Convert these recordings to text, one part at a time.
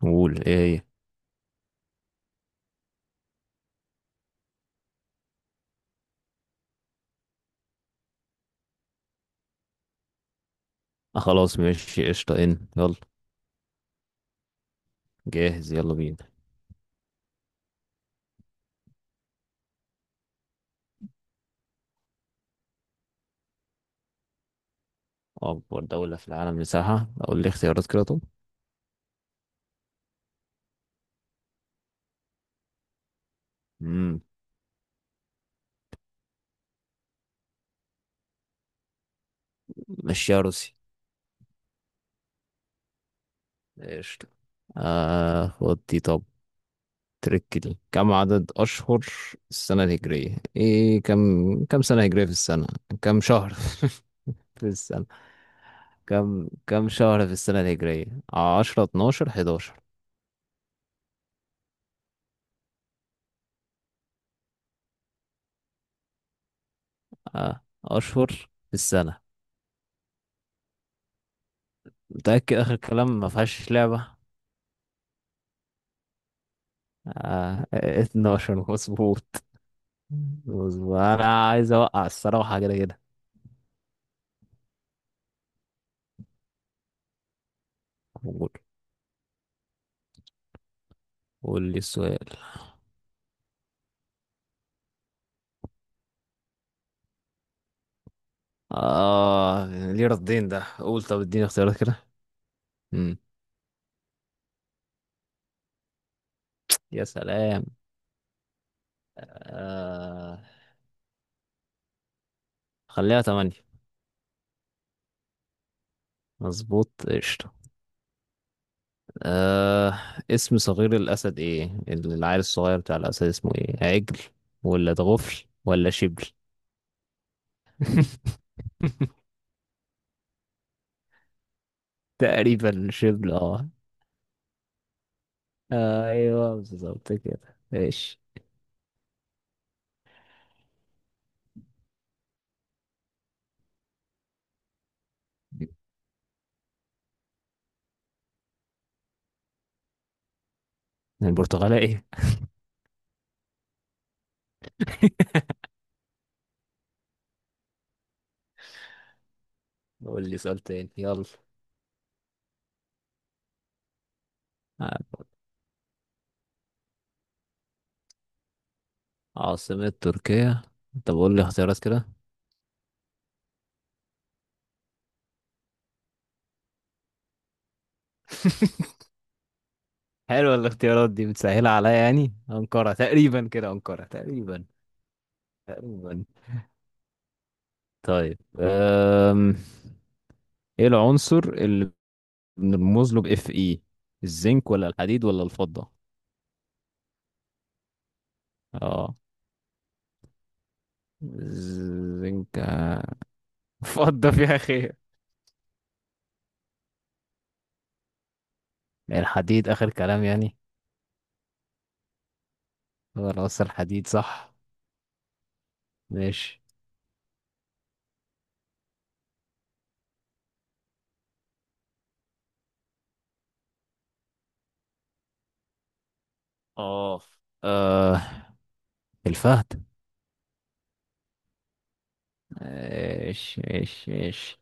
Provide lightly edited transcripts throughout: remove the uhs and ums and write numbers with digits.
قول ايه هي؟ آه، خلاص ماشي قشطة ان يلا. جاهز يلا بينا. أكبر دولة في العالم مساحة، أقول لي اختيارات كده طب. مم. مشيها روسي. قشطة. آه، خد دي طب. تركي دي كم عدد أشهر السنة الهجرية؟ إيه كم سنة هجرية في السنة؟ كم شهر في السنة؟ كم شهر في السنة الهجرية؟ عشرة اتناشر حداشر آه أشهر في السنة. متأكد آخر كلام، ما فيهاش لعبة؟ آه، 12 مظبوط. انا عايز اوقع الصراحه كده كده. قول. قول لي السؤال. اه. ليه ردين ده، قول طب اديني اختيارات كده. امم. يا سلام. آه، خليها تمانية. مظبوط قشطة. آه، اسم صغير الأسد ايه؟ العيل الصغير بتاع الأسد اسمه ايه؟ عجل ولا ضغفل ولا شبل؟ تقريبا شبل اه. آه، ايوه بالظبط كده ايش. البرتغالة ايه. قول لي سؤال تاني يلا. ع- عاصمة تركيا. طب قول لي اختيارات كده. حلوة الاختيارات دي، بتسهلها عليا يعني. أنقرة تقريبا كده، أنقرة تقريبا. تقريبا. طيب ايه العنصر اللي بنرمز له بإف إي؟ الزنك ولا الحديد ولا الفضة؟ اه. الزنك؟ فضة فيها خير. الحديد آخر كلام يعني. خلاص الحديد صح. ماشي. اه. آه، الفهد. ايش ايش ايش.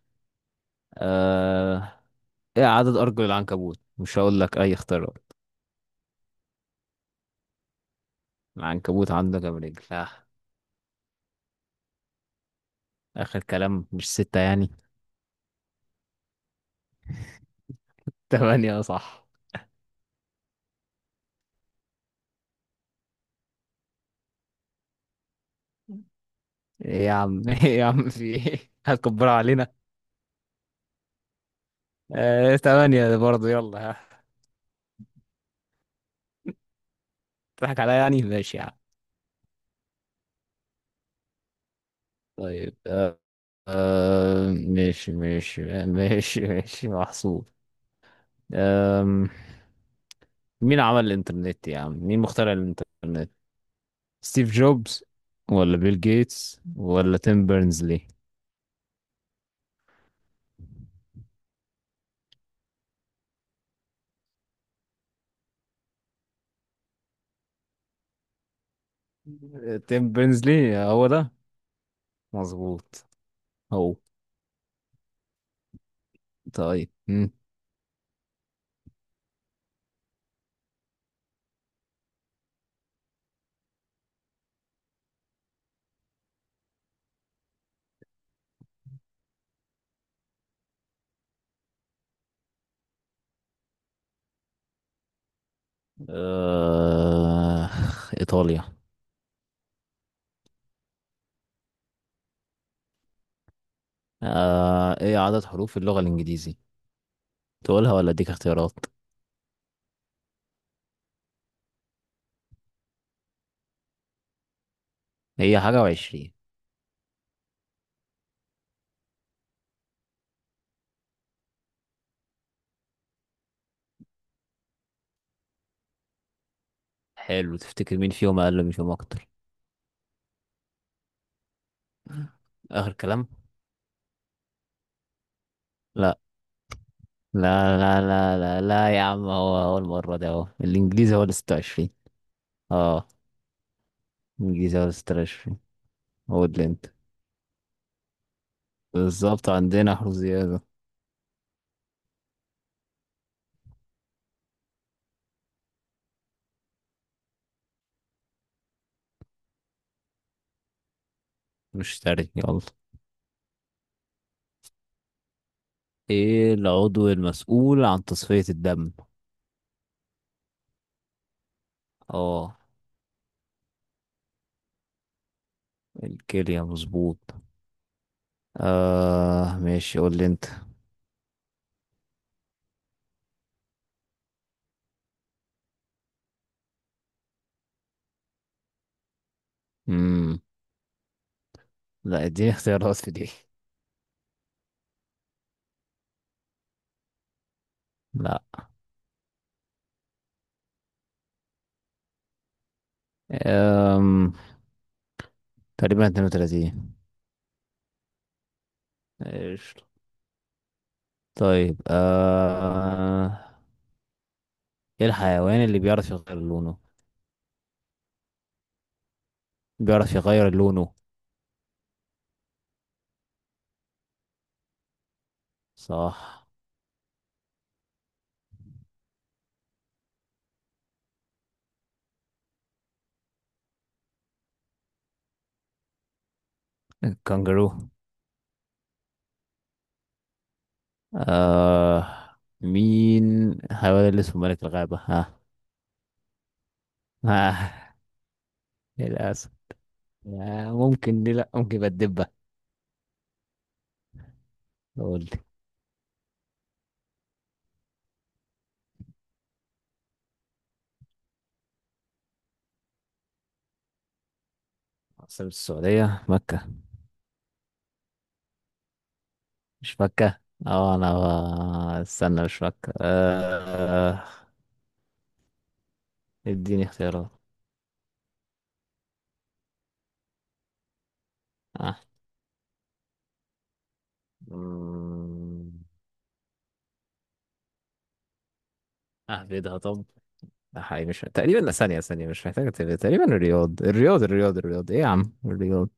آه... ايه عدد ارجل العنكبوت؟ مش هقول لك اي اختيارات. العنكبوت عنده كام رجل؟ اخر كلام، مش ستة يعني؟ تمانية. آه، صح. ايه يا عم، ايه يا عم، في ايه؟ هتكبر علينا. تمانية برضه يلا ها. تضحك عليا يعني، ماشي يا عم. طيب ماشي ماشي ماشي ماشي محسوب. آم... مين عمل الانترنت يا عم؟ مين مخترع الانترنت؟ ستيف جوبز ولا بيل جيتس ولا تيم بيرنزلي؟ تيم بيرنزلي هو ده. مظبوط. هو. طيب مم. آه... إيطاليا. إيه عدد حروف اللغة الإنجليزي؟ تقولها ولا أديك اختيارات؟ هي حاجة وعشرين. حلو، تفتكر مين فيهم أقل ومين فيهم أكتر؟ آخر كلام. لا لا لا لا لا لا يا عم، هو هو المرة دي أهو الإنجليزي هو اللي 26. أه، الإنجليزي هو اللي 26. هو اللي أنت، بالظبط عندنا حروف زيادة. مشتري يلا. ايه العضو المسؤول عن تصفية الدم؟ اه. الكلية مظبوط. آه ماشي، قول لي انت. مم. لا اديني اختيارات في دي. لا. أم... تقريبا 32. قشطة. طيب ايه الحيوان اللي بيعرف يغير لونه؟ بيعرف يغير لونه. صح. الكنجرو. آه... مين الحيوان اللي اسمه ملك الغابة ها؟ آه للأسف. ممكن دي لأ، ممكن يبقى الدبة. قول لي. عاصمة السعودية مكة. مش مكة. اه انا، استنى، مش مكة آه. اديني اختيارات. اه. مم، اهبدها طب. لا حقيقي مش تقريبا، لا ثانية ثانية، مش محتاجة تقريبا، تقريبا الرياض الرياض الرياض الرياض، ايه يا عم الرياض.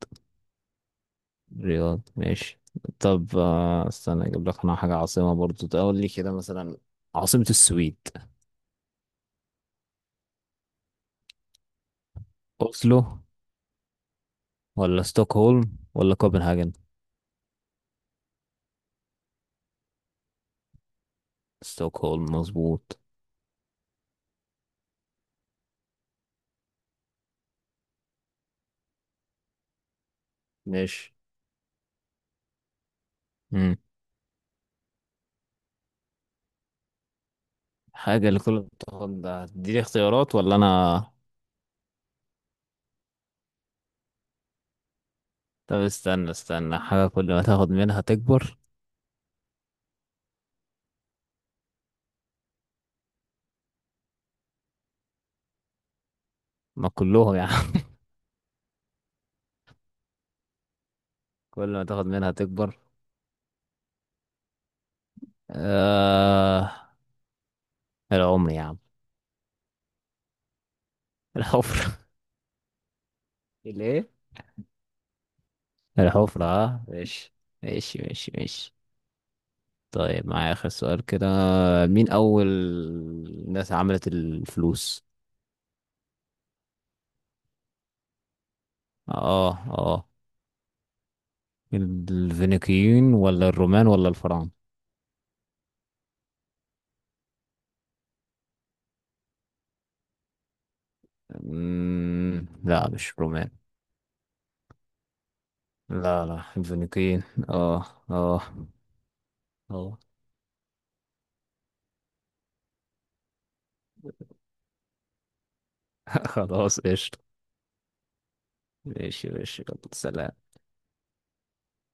الرياض ماشي. طب استنى، اجيب لك انا حاجة عاصمة برضو، تقول لي كده مثلا. عاصمة السويد اوسلو ولا ستوكهولم ولا كوبنهاجن؟ ستوكهولم مظبوط. ماشي. امم حاجة اللي كل ما تاخد ده، هتديني اختيارات ولا أنا؟ طب استنى استنى، حاجة كل ما تاخد منها تكبر. ما كلهم يا عم. كل ما تاخد منها تكبر. آه... العمر يا عم. الحفرة. الايه. الحفرة اه، ماشي. ماشي ماشي ماشي. طيب معايا آخر سؤال كده. مين أول ناس عملت الفلوس؟ اه اه. الفينيقيين ولا الرومان ولا الفراعنة؟ لا مش رومان. لا لا الفينيقيين. اه اه اه. خلاص قشطة. ماشي ماشي يلا سلام.